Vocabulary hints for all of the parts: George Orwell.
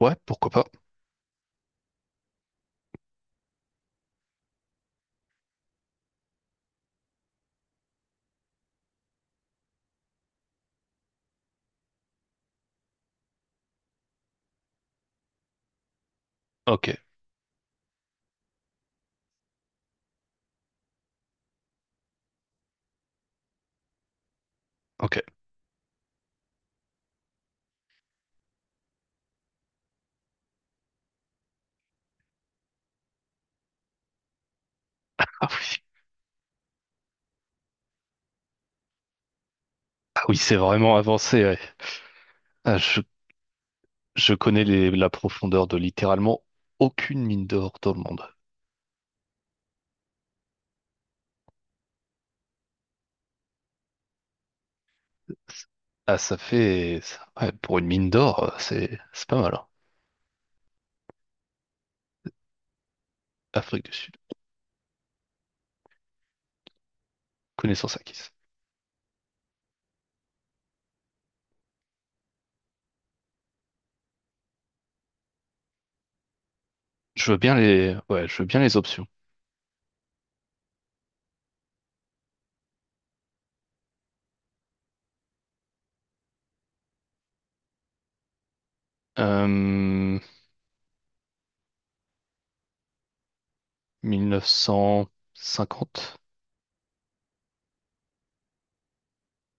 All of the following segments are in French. Ouais, pourquoi pas. Ok, ok. Ah oui, c'est vraiment avancé, ouais. Ah, je connais la profondeur de littéralement aucune mine d'or dans le monde. Ah, ça fait... ouais, pour une mine d'or, c'est pas mal, hein. Afrique du Sud, connaissance acquise. Je veux bien les... Ouais, je veux bien les options. Euh, 1950,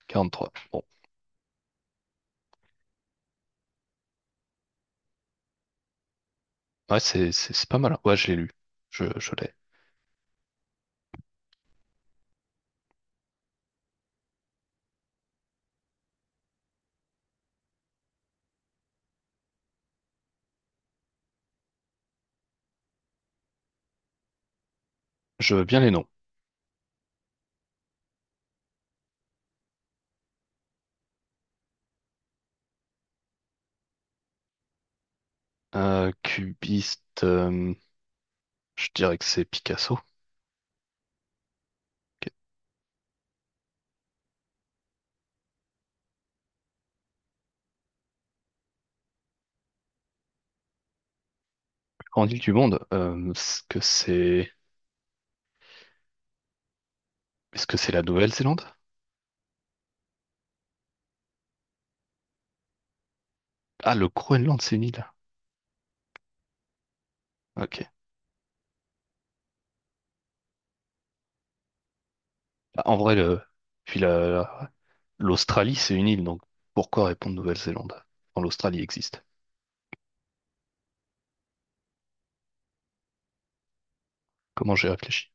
43. Bon, ouais, c'est pas mal, hein. Ouais, je l'ai lu. Je l'ai. Je veux bien les noms. Cubiste, je dirais que c'est Picasso, qui est la plus grande île du monde. Est-ce que c'est la Nouvelle-Zélande? Ah, le Groenland, c'est une île. Ok. Bah, en vrai, puis l'Australie, c'est une île, donc pourquoi répondre Nouvelle-Zélande quand l'Australie existe? Comment j'ai réfléchi?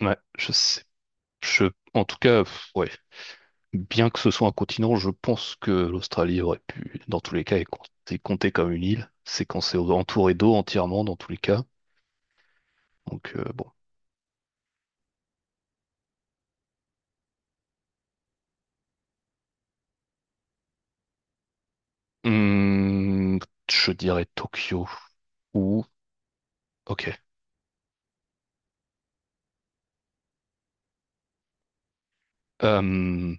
Ouais, je sais. Je, en tout cas, pff, ouais. Bien que ce soit un continent, je pense que l'Australie aurait pu, dans tous les cas, être comptée comme une île. C'est quand c'est entouré d'eau entièrement, dans tous les cas. Donc, bon. Hum, je dirais Tokyo ou... Ok. Hum,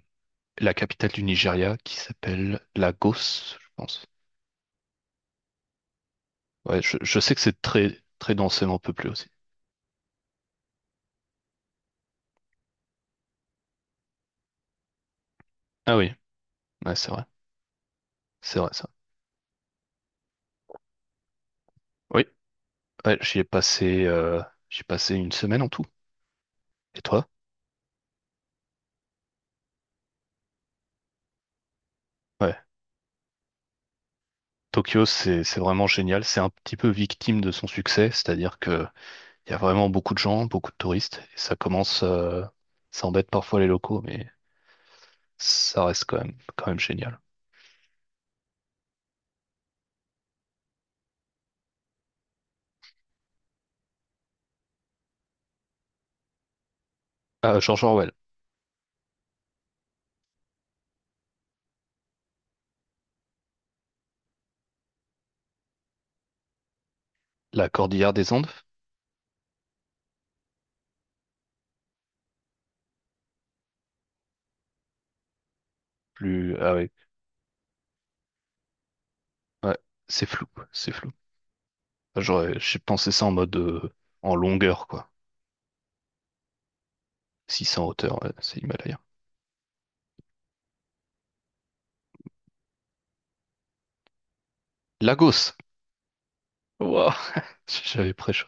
la capitale du Nigeria qui s'appelle Lagos, je pense. Ouais, je sais que c'est très, très densément peuplé aussi. Ah oui, ouais, c'est vrai. C'est vrai, ça. Oui, ouais, j'y ai passé une semaine en tout. Et toi? Ouais. Tokyo, c'est vraiment génial. C'est un petit peu victime de son succès, c'est-à-dire que il y a vraiment beaucoup de gens, beaucoup de touristes, et ça commence, ça embête parfois les locaux, mais ça reste quand même génial. Ah, George Orwell, La Cordillère des Andes, plus ah ouais, ouais, c'est flou, c'est flou. J'ai pensé ça en mode en longueur quoi, 600 hauteur, ouais, c'est l'Himalaya. Lagos, wow, j'avais préchaud.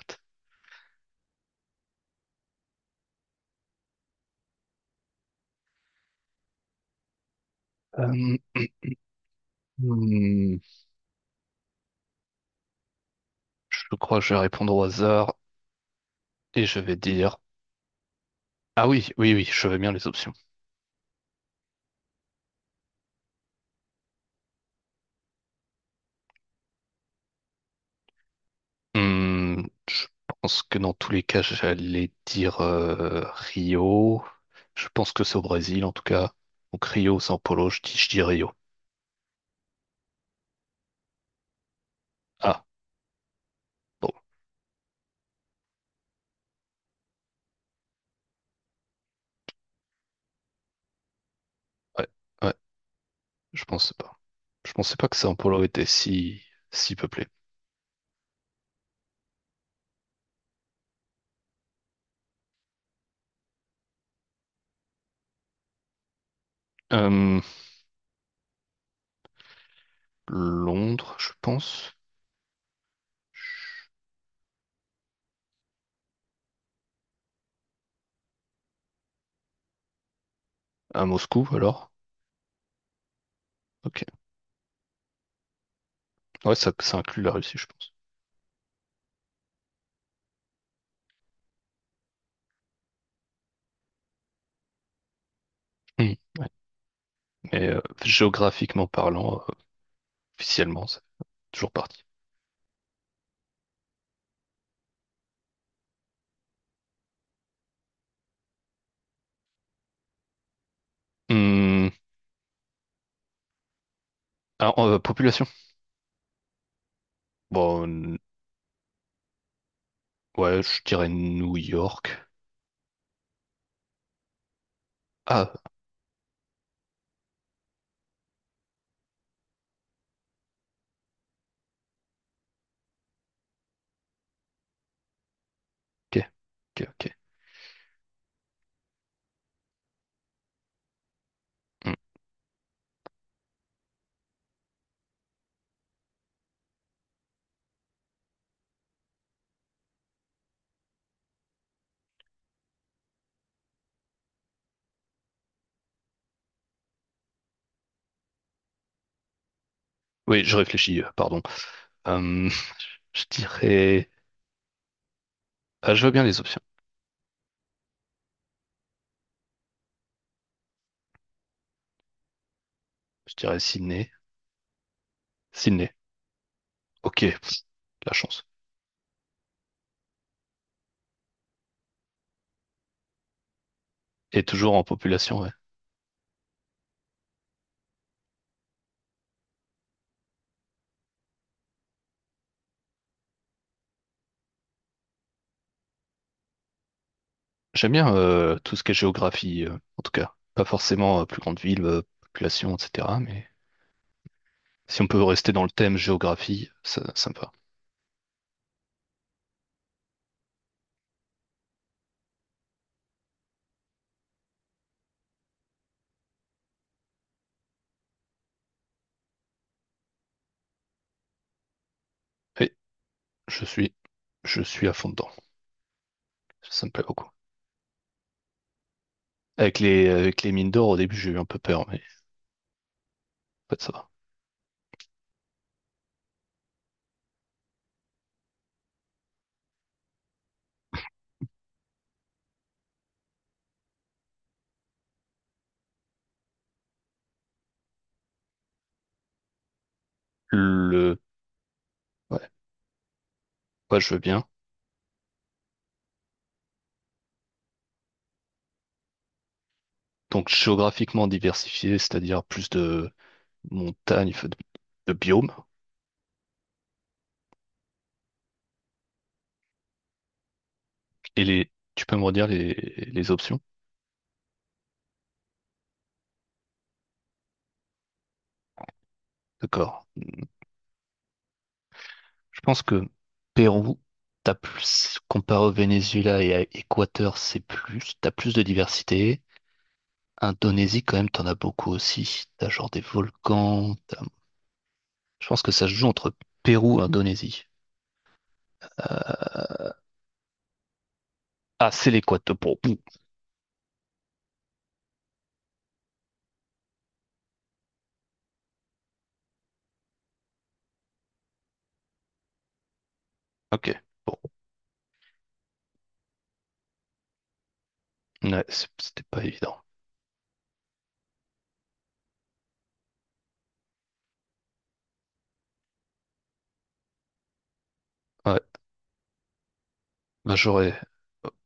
Euh, hmm, je crois que je vais répondre au hasard et je vais dire... Ah oui, oui, oui, je veux bien les options. Hmm, je pense que dans tous les cas, j'allais dire Rio. Je pense que c'est au Brésil, en tout cas. Donc Rio, São Paulo, je dis Rio. Ah, bon, ouais, ouais, je pensais pas. Je pensais pas que São Paulo était si peuplé. Euh, Londres, je pense. À Moscou, alors. Ok. Ouais, ça inclut la Russie, je pense. Hmm, ouais. Mais géographiquement parlant, officiellement, c'est toujours parti. Hmm, alors, population? Bon, ouais, je dirais New York. Ah, ok, ok, ok. Hmm. Oui, je réfléchis, pardon. Euh, je dirais... Ah, je veux bien les options. Je dirais Sydney. Sydney, ok, la chance. Et toujours en population, ouais. J'aime bien tout ce qui est géographie, en tout cas. Pas forcément plus grande ville, population, etc. Mais si on peut rester dans le thème géographie, ça me va. Et je suis, je suis à fond dedans. Ça me plaît beaucoup. Avec les mines d'or, au début, j'ai eu un peu peur, mais en fait, ça va. Le, ouais, ouais, je veux bien. Donc géographiquement diversifié, c'est-à-dire plus de montagnes, enfin, de biomes. Et les, tu peux me redire les options? D'accord. Je pense que Pérou, t'as plus, comparé au Venezuela et à Équateur, c'est plus, t'as plus de diversité. Indonésie, quand même, t'en as beaucoup aussi. T'as genre des volcans. Je pense que ça se joue entre Pérou et Indonésie. Ah, c'est l'Équateur. Bon, pff, ok. Bon, ouais, c'était pas évident. Ouais, bah j'aurais.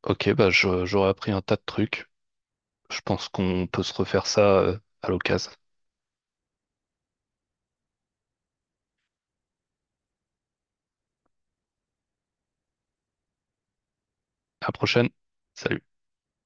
Ok, j'aurais appris un tas de trucs. Je pense qu'on peut se refaire ça à l'occasion. À la prochaine. Salut.